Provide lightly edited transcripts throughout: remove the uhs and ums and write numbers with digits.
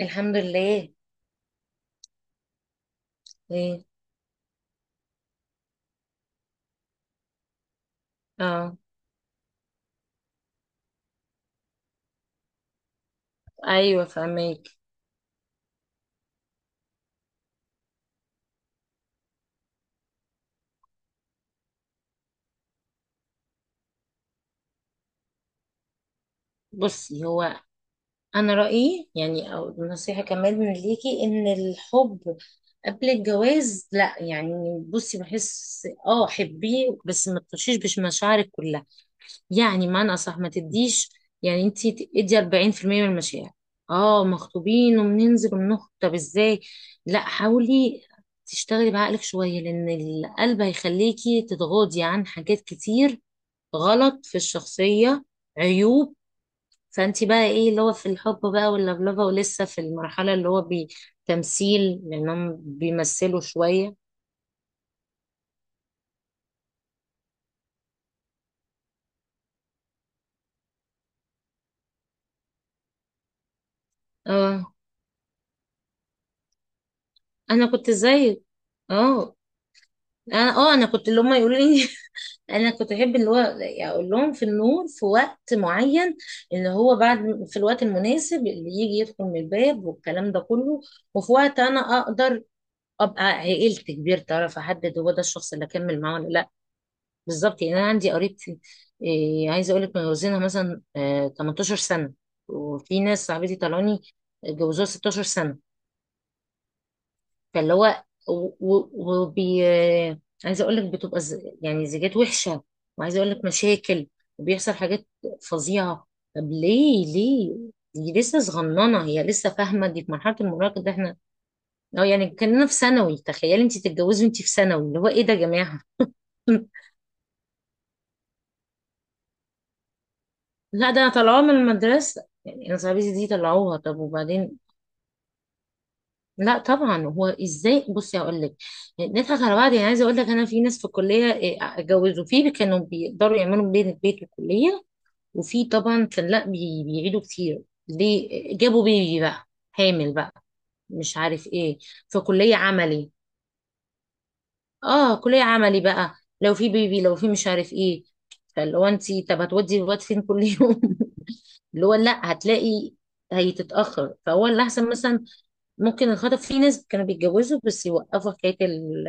الحمد لله. ايه. اه. ايوه، فهماك. بصي، هو انا رايي يعني او نصيحه كمان من ليكي ان الحب قبل الجواز لا، يعني بصي بحس حبيه، بس ما تخشيش بش مشاعرك كلها. يعني معنى اصح ما تديش، يعني انت ادي 40% من المشاعر. اه مخطوبين وبننزل وبنخطب؟ طب ازاي؟ لا، حاولي تشتغلي بعقلك شويه، لان القلب هيخليكي تتغاضي عن حاجات كتير غلط في الشخصية، عيوب. فانت بقى ايه اللي هو في الحب بقى واللبلبة ولسه في المرحلة اللي هو بتمثيل، لانهم بيمثلوا شوية. اه، انا كنت زيك. اه. انا كنت اللي هم يقولوا لي. انا كنت احب اللي هو اقول لهم في النور في وقت معين، اللي هو بعد، في الوقت المناسب اللي يجي يدخل من الباب والكلام ده كله، وفي وقت انا اقدر ابقى عقلت كبير تعرف احدد هو ده الشخص اللي اكمل معاه ولا لا. بالظبط. يعني انا عندي قريبتي، إيه، عايزه اقول لك متجوزينها مثلا 18 سنه. وفي ناس صاحبتي طلعوني اتجوزوها 16 سنه. فاللي هو و- و- وبي آه، عايزه اقول لك بتبقى يعني زيجات وحشه، وعايزه اقول لك مشاكل، وبيحصل حاجات فظيعه. طب ليه؟ دي لسه صغننه، هي لسه فاهمه، دي في مرحله المراهقه، ده احنا اه يعني كاننا في ثانوي. تخيلي انت تتجوزي وانت في ثانوي، اللي هو ايه ده يا جماعه. لا ده انا طلعوها من المدرسة، يعني أنا صاحبتي دي طلعوها. طب وبعدين؟ لا طبعا، هو ازاي؟ بصي هقول لك، نضحك على بعض، يعني عايزه اقول لك انا في ناس في الكليه إيه، اتجوزوا فيه كانوا بيقدروا يعملوا بين البيت والكليه، وفي طبعا كان لا بيعيدوا كتير ليه؟ جابوا بيبي بقى، حامل بقى، مش عارف ايه، في كليه عملي. اه كليه عملي بقى، لو في بيبي لو في مش عارف ايه، فاللي هو انت طب هتودي الواد فين كل يوم؟ اللي هو لا، هتلاقي هيتتأخر، فهو اللي أحسن مثلا ممكن الخطب، في ناس كانوا بيتجوزوا بس يوقفوا حكاية ال-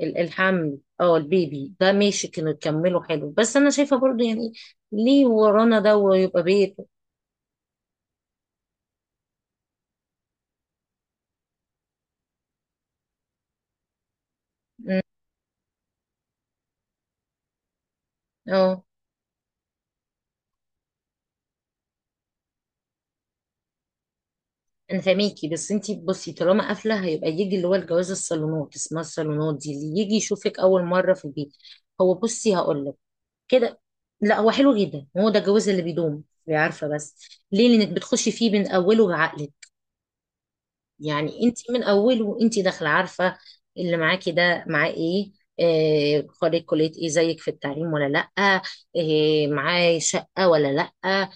ال- الحمل، اه البيبي ده ماشي كانوا يكملوا حلو. بس أنا شايفة برضو يعني ليه ورانا ده؟ ويبقى بيت. م، اه. أنا فاهميكي، بس انتي بصي طالما قافلة هيبقى يجي اللي هو الجواز، الصالونات، اسمها الصالونات دي اللي يجي يشوفك أول مرة في البيت. هو بصي هقولك كده، لا هو حلو جدا، هو ده الجواز اللي بيدوم عارفة، بس ليه؟ لأنك بتخشي فيه من أوله بعقلك. يعني انت من اوله وانت داخله عارفه اللي معاكي ده معاه ايه، آه، خريج كليه ايه زيك في التعليم ولا لا، آه، معاه شقه ولا لا،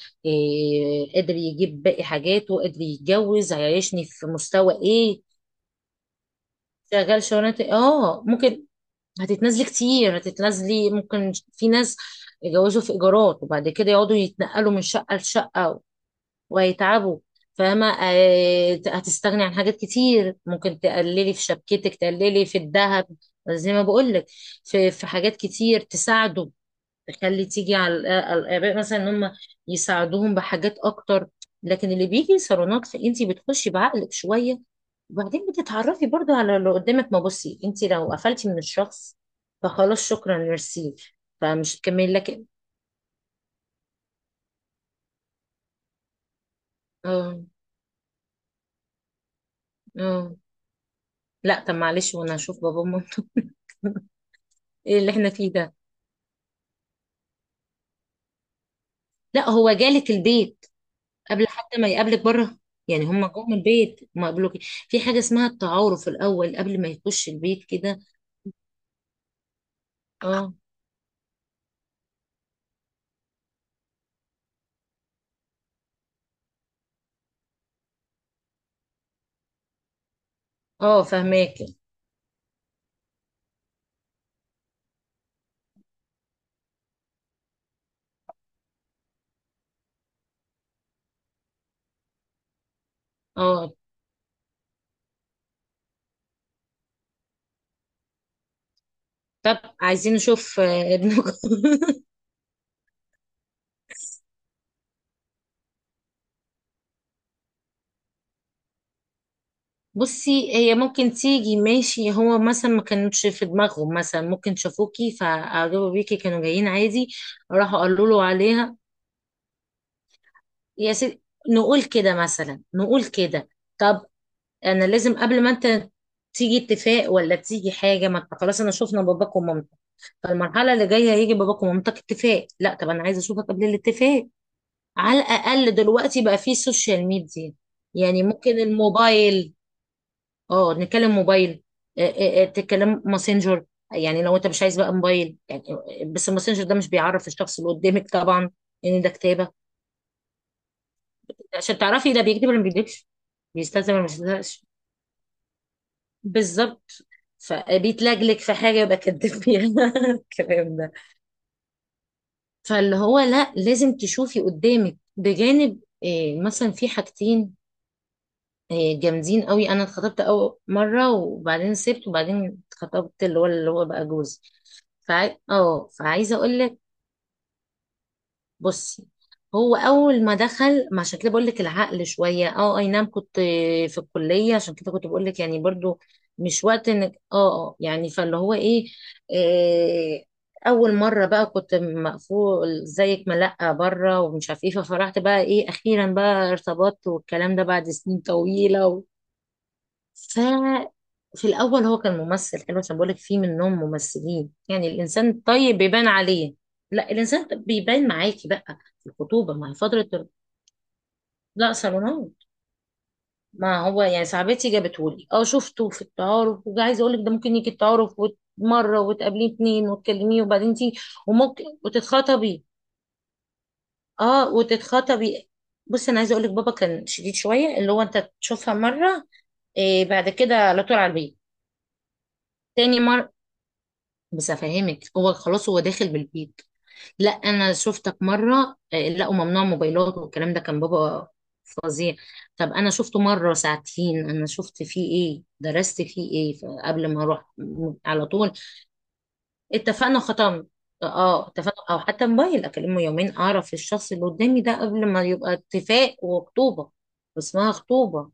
قادر يجيب باقي حاجاته، قادر يتجوز، هيعيشني في مستوى ايه، شغال شغلانه إيه؟ اه ممكن. هتتنازلي كتير، هتتنازلي، ممكن في ناس يتجوزوا في ايجارات وبعد كده يقعدوا يتنقلوا من شقه لشقه، وهيتعبوا. فاهمة، آه، هتستغني عن حاجات كتير، ممكن تقللي في شبكتك، تقللي في الذهب، زي ما بقولك، في حاجات كتير تساعده، تخلي تيجي على الآباء مثلا إن هم يساعدوهم بحاجات أكتر. لكن اللي بيجي صالونات فأنت بتخشي بعقلك شوية، وبعدين بتتعرفي برضو على اللي قدامك. ما بصي أنت لو قفلتي من الشخص فخلاص شكرا، ميرسي، فمش هتكملي. لكن اه اه لا. طب معلش، وانا هشوف بابا وماما. إيه اللي احنا فيه ده؟ لا هو جالك البيت قبل حتى ما يقابلك بره؟ يعني هم جم البيت ما قابلوك. في حاجة اسمها التعارف الأول قبل ما يخش البيت كده. اه. اه فهماك. اه. طب عايزين نشوف ابنكم. بصي، هي ممكن تيجي، ماشي، هو مثلا ما كانتش في دماغهم، مثلا ممكن شافوكي فأعجبوا بيكي كانوا جايين عادي، راحوا قالوا له عليها يا ست. نقول كده مثلا، نقول كده. طب انا لازم قبل ما انت تيجي اتفاق ولا تيجي حاجه، ما انت خلاص انا شفنا باباك ومامتك، فالمرحله اللي جايه هيجي باباك ومامتك اتفاق. لا طب انا عايزه اشوفك قبل الاتفاق، على الاقل دلوقتي بقى في سوشيال ميديا، يعني ممكن الموبايل. اه، نتكلم موبايل، تتكلم ماسنجر، يعني لو انت مش عايز بقى موبايل يعني، بس الماسنجر ده مش بيعرف الشخص اللي قدامك طبعا، ان ده كتابه. عشان تعرفي ده بيكتب ولا ما بيكتبش، بيستخدم ولا ما بيستخدمش، بالظبط، فبيتلجلج في حاجة يبقى كدب فيها. الكلام ده، فاللي هو لا لازم تشوفي قدامك. بجانب إيه؟ مثلا في حاجتين إيه جامدين قوي، انا اتخطبت اول مرة وبعدين سبت وبعدين اتخطبت اللي هو بقى جوزي. فع... اه فعايزة اقول لك بصي، هو اول ما دخل، ما عشان كده بقول لك العقل شويه، اي نعم كنت في الكليه، عشان كده كنت بقول لك يعني برضو مش وقت انك يعني، فاللي هو ايه، آه، اول مره بقى كنت مقفول زيك، ملقه بره ومش عارف ايه، ففرحت بقى ايه اخيرا بقى ارتبطت، والكلام ده بعد سنين طويله. ف في الاول هو كان ممثل حلو، عشان بقول لك في منهم ممثلين، يعني الانسان طيب بيبان عليه. لا، الانسان طب بيبان معاكي بقى في الخطوبه مع فتره لا، صالونات. ما هو يعني صاحبتي جابته لي، اه شفته في التعارف، وعايزه اقول لك ده ممكن يجي التعارف مره، وتقابليه اتنين، وتكلميه، وبعدين تيجي وممكن وتتخطبي. اه وتتخطبي. بص، انا عايزه اقول لك بابا كان شديد شويه، اللي هو انت تشوفها مره إيه بعد كده على طول على البيت. تاني مرة بس افهمك هو خلاص هو داخل بالبيت. لا، انا شفتك مره، آه، لقوا ممنوع موبايلات والكلام ده، كان بابا فظيع. طب انا شفته مره ساعتين، انا شفت فيه ايه درست فيه ايه قبل ما اروح على طول اتفقنا، ختمت. اه، اتفقنا، او حتى موبايل اكلمه يومين اعرف الشخص اللي قدامي ده قبل ما يبقى اتفاق وخطوبه. اسمها خطوبه،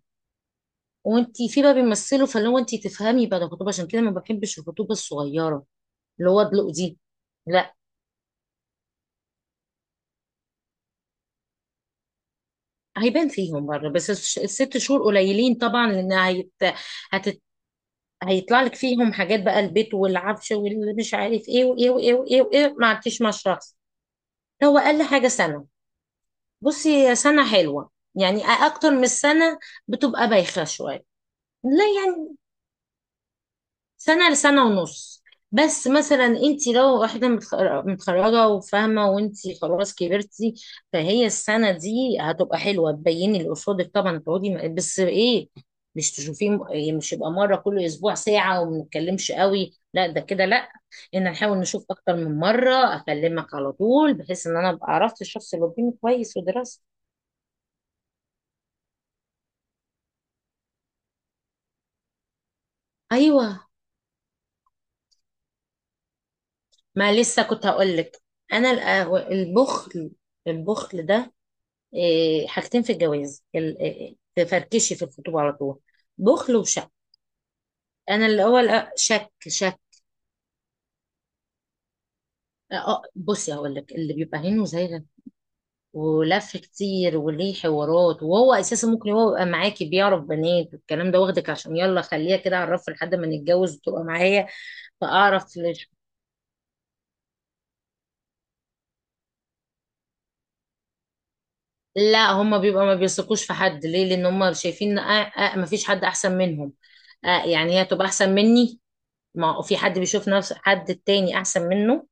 وانتي في بقى بيمثله، فلو انتي تفهمي بقى ده خطوبه، عشان كده ما بحبش الخطوبه الصغيره اللي هو ادلق دي. لا هيبان فيهم بره، بس الست شهور قليلين طبعا، لان هتت... هيطلع لك فيهم حاجات بقى البيت والعفش واللي مش عارف ايه وايه وايه وايه وايه، ما عدتيش مع الشخص. هو اقل حاجه سنه. بصي هي سنه حلوه، يعني اكتر من السنه بتبقى بايخه شويه. لا يعني سنة لسنة ونص. بس مثلا انت لو واحدة متخرجة وفاهمة وانت خلاص كبرتي، فهي السنة دي هتبقى حلوة تبيني اللي قصادك طبعا. تقعدي بس ايه، مش تشوفيه يعني مش يبقى مرة كل اسبوع ساعة وما نتكلمش قوي، لا ده كده لا. ان نحاول نشوف اكتر من مرة، اكلمك على طول بحيث ان انا ابقى عرفت الشخص اللي قدامي كويس ودراسته. ايوه. ما لسه كنت هقول لك، انا البخل. البخل ده إيه، حاجتين في الجواز إيه، تفركشي في الخطوبة على طول، بخل وشك. انا الاول شك، شك. بصي هقول لك اللي بيبقى هنا وزايغه ولف كتير وليه حوارات، وهو اساسا ممكن هو يبقى معاكي بيعرف بنات والكلام ده، واخدك عشان يلا خليها كده اعرف لحد ما نتجوز وتبقى معايا. فاعرف ليش؟ لا هما بيبقى ما بيثقوش في حد، ليه؟ لان هما شايفين ما فيش حد احسن منهم. آه، يعني هي تبقى احسن مني؟ ما هو في حد بيشوف نفس حد التاني احسن منه.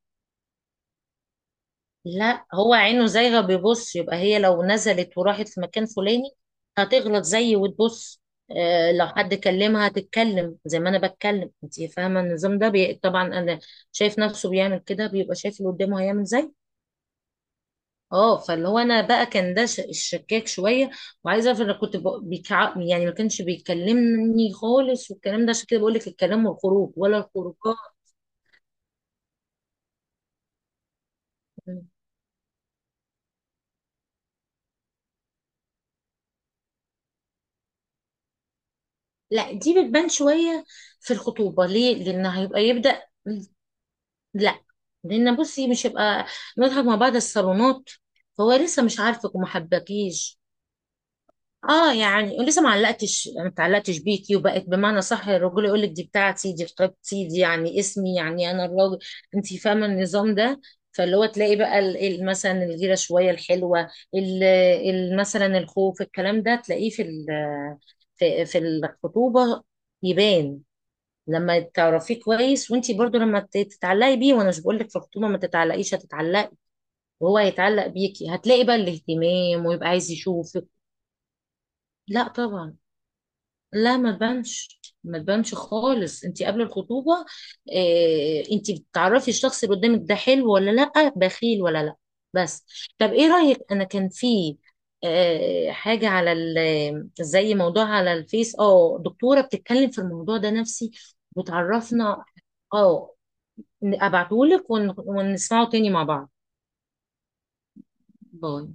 لا، هو عينه زايغة، بيبص، يبقى هي لو نزلت وراحت في مكان فلاني هتغلط زيي وتبص، آه، لو حد كلمها هتتكلم زي ما انا بتكلم، انت فاهمة النظام ده طبعا انا شايف نفسه بيعمل كده، بيبقى شايف اللي قدامه هيعمل زي. اه، فاللي هو انا بقى كان ده الشكاك شوية، وعايزة اعرف انا كنت يعني ما كانش بيكلمني خالص والكلام ده، عشان كده بقول لك الكلام والخروج ولا الخروجات. لا دي بتبان شوية في الخطوبة. ليه؟ لان هيبقى يبدأ، لا لان بصي مش هيبقى نضحك مع بعض الصالونات، فهو لسه مش عارفك وما حبكيش. اه، يعني لسه ما اتعلقتش بيكي وبقت بمعنى صح الرجل يقول لك دي بتاعتي، دي خطيبتي دي، يعني اسمي يعني انا الراجل. انت فاهمه النظام ده، فاللي هو تلاقي بقى مثلا الغيره شويه الحلوه، ال- مثلا الخوف، الكلام ده تلاقيه في في الخطوبه، يبان لما تعرفيه كويس وانتي برضو لما تتعلقي بيه، وانا مش بقولك في الخطوبه ما تتعلقيش، هتتعلقي وهو هيتعلق بيكي، هتلاقي بقى الاهتمام ويبقى عايز يشوفك. لا طبعا. لا ما تبانش ما تبانش خالص، انتي قبل الخطوبه اه انتي بتعرفي الشخص اللي قدامك ده حلو ولا لا، بخيل ولا لا، بس. طب ايه رايك؟ انا كان في اه حاجه على زي موضوع على الفيس، دكتوره بتتكلم في الموضوع ده نفسي وتعرفنا. اه، ابعتهولك ونسمعه تاني مع بعض. باي.